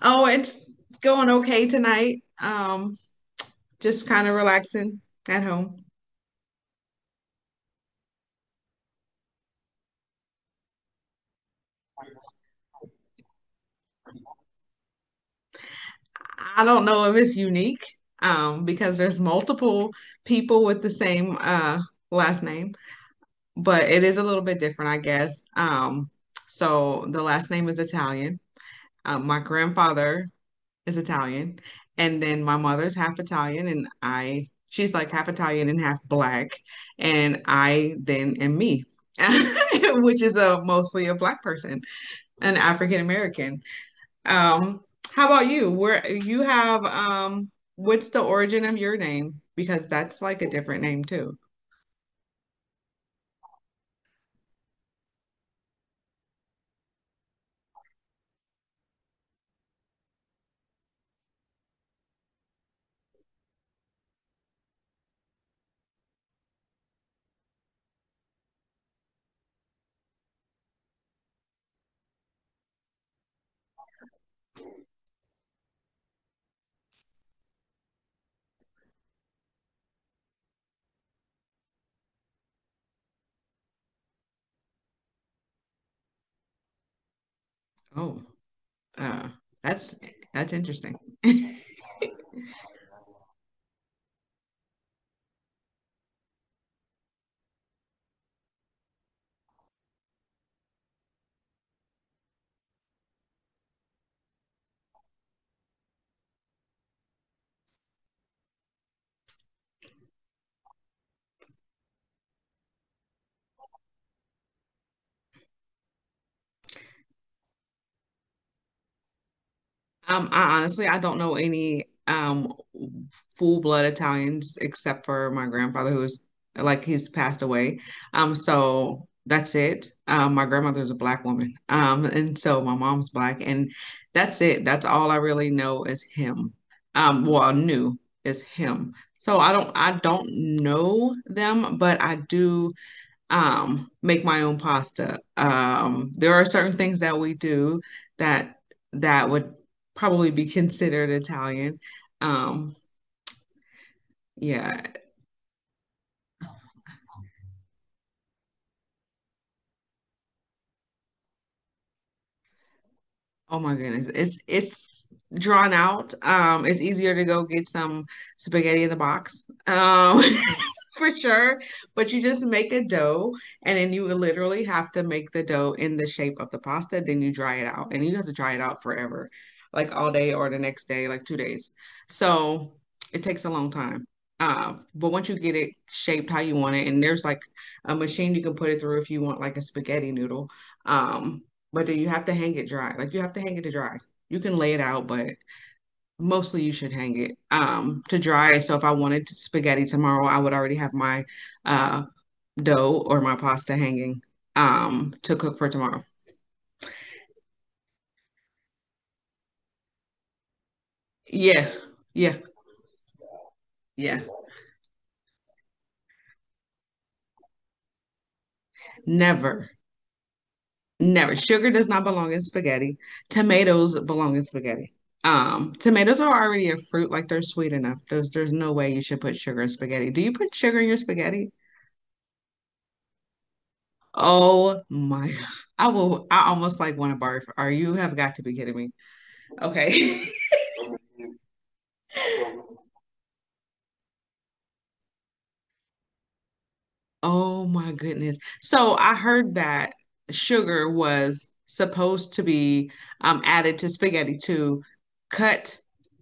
Oh, it's going okay tonight. Just kind of relaxing at home. I don't know if it's unique, because there's multiple people with the same last name, but it is a little bit different, I guess. So the last name is Italian. My grandfather is Italian, and then my mother's half Italian, and I she's like half Italian and half black, and I then am me. Which is a mostly a black person. An African American. Um, how about you? Where you have what's the origin of your name? Because that's like a different name too. Oh. Oh, that's that's interesting. I honestly, I don't know any full-blood Italians except for my grandfather who's like he's passed away. So that's it. My grandmother's a black woman. And so my mom's black and that's it. That's all I really know is him. Well, I knew is him. So I don't know them, but I do, make my own pasta. There are certain things that we do that that would probably be considered Italian. Um, yeah. Oh my goodness. It's drawn out. It's easier to go get some spaghetti in the box. For sure. But you just make a dough and then you literally have to make the dough in the shape of the pasta, then you dry it out. And you have to dry it out forever, like all day or the next day, like 2 days. So it takes a long time. But once you get it shaped how you want it, and there's like a machine you can put it through if you want like a spaghetti noodle. Um, but then you have to hang it dry. Like you have to hang it to dry. You can lay it out, but mostly you should hang it to dry. So if I wanted spaghetti tomorrow, I would already have my uh dough or my pasta hanging to cook for tomorrow. Yeah. Yeah. Yeah. Never. Never. Sugar does not belong in spaghetti. Tomatoes belong in spaghetti. Tomatoes are already a fruit, like they're sweet enough. There's no way you should put sugar in spaghetti. Do you put sugar in your spaghetti? Oh my God. I almost like want to barf. Are you have got to be kidding me? Okay. Oh my goodness. So I heard that sugar was supposed to be added to spaghetti to cut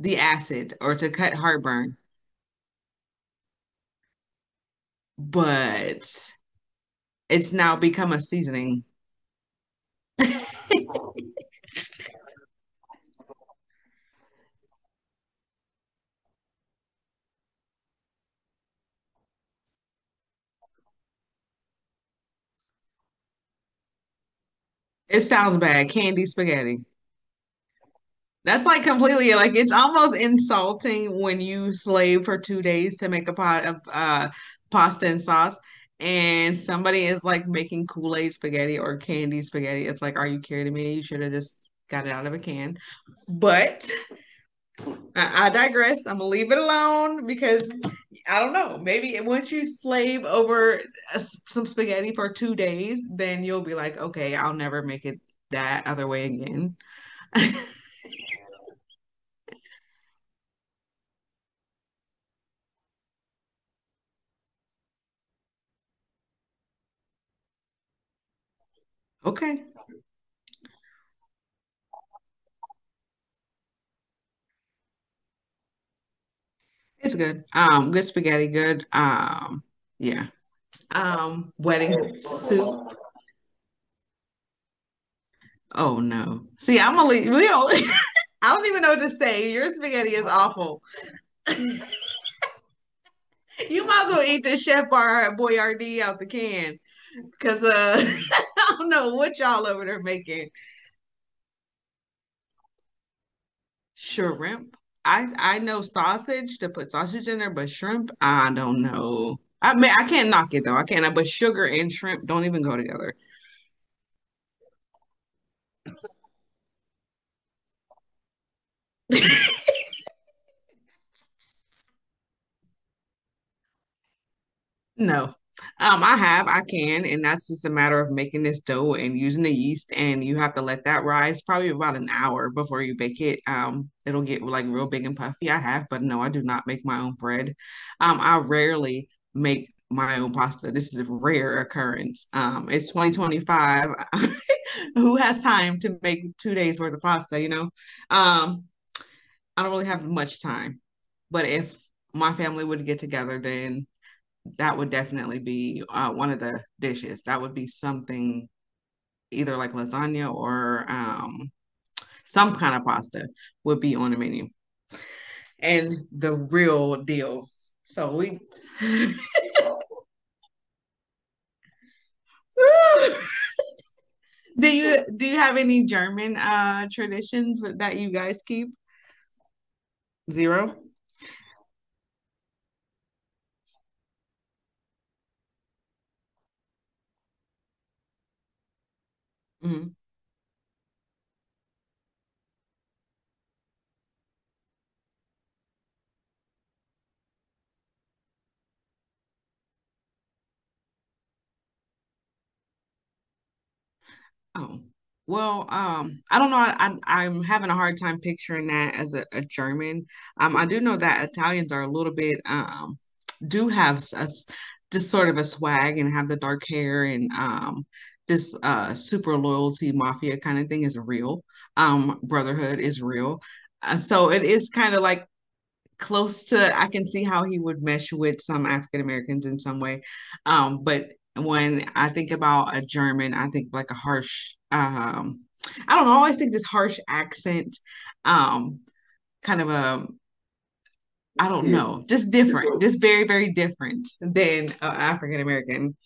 the acid or to cut heartburn, but it's now become a seasoning. It sounds bad. Candy spaghetti. That's like completely like it's almost insulting when you slave for 2 days to make a pot of pasta and sauce, and somebody is like making Kool-Aid spaghetti or candy spaghetti. It's like, are you kidding me? You should have just got it out of a can. But I digress. I'm gonna leave it alone because I don't know. Maybe once you slave over a some spaghetti for 2 days, then you'll be like, okay, I'll never make it that other way again. Okay. It's good. Good spaghetti, good. Yeah. Wedding soup. Oh no. See, I'm gonna leave. We don't, I don't even know what to say. Your spaghetti is awful. You might as well eat the Chef Bar Boyardee out the can because I don't know what y'all over there making. Shrimp. I know sausage to put sausage in there, but shrimp, I don't know. I mean, I can't knock it though. I can't. But sugar and shrimp don't even go together. No. I have, I can, and that's just a matter of making this dough and using the yeast, and you have to let that rise probably about an hour before you bake it. It'll get like real big and puffy. I have, but no, I do not make my own bread. I rarely make my own pasta. This is a rare occurrence. It's 2025. Who has time to make 2 days worth of pasta, you know? Um, I don't really have much time, but if my family would get together, then that would definitely be, one of the dishes. That would be something either like lasagna or some kind of pasta would be on the menu. And the real deal. So we do you have any German traditions that you guys keep? Zero. Mhm. Oh, well, I don't know. I I'm having a hard time picturing that as a German. I do know that Italians are a little bit do have just sort of a swag and have the dark hair and this super loyalty mafia kind of thing is real. Brotherhood is real. So it is kind of like close to I can see how he would mesh with some African Americans in some way. But when I think about a German, I think like a harsh I don't know, I always think this harsh accent, um, kind of a I don't yeah. know, just different, just very, very different than an African American.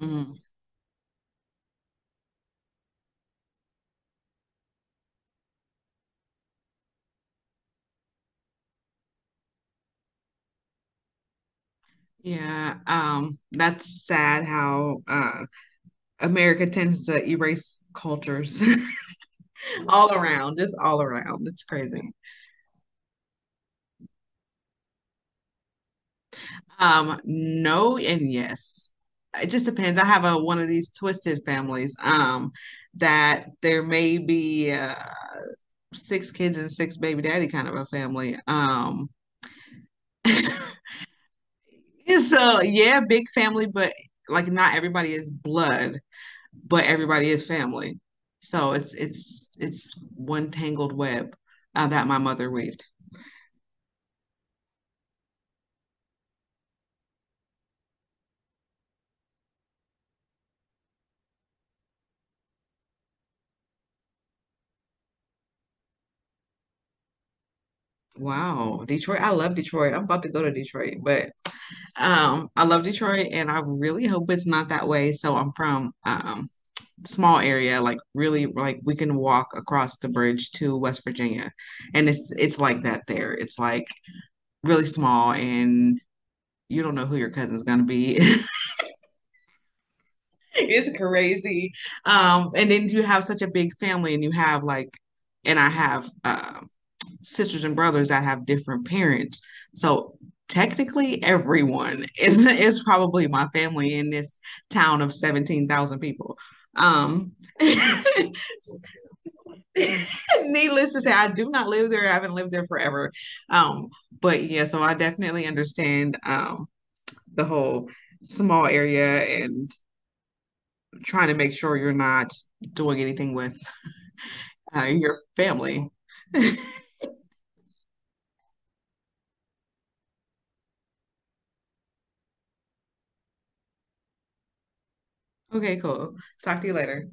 Mm, yeah, that's sad how America tends to erase cultures all around. It's all around. It's crazy. No and yes. It just depends. I have a one of these twisted families. That there may be, six kids and six baby daddy kind of a family. So yeah, big family, but like not everybody is blood, but everybody is family. So it's one tangled web, that my mother weaved. Wow, Detroit. I love Detroit. I'm about to go to Detroit, but I love Detroit and I really hope it's not that way. So I'm from small area, like really like we can walk across the bridge to West Virginia. And it's like that there. It's like really small and you don't know who your cousin's gonna be. It's crazy. And then you have such a big family, and you have like, and I have, sisters and brothers that have different parents. So technically, everyone is probably my family in this town of 17,000 people. Um, needless to say, I do not live there. I haven't lived there forever. Um, but yeah, so I definitely understand the whole small area and trying to make sure you're not doing anything with, your family. Okay, cool. Talk to you later.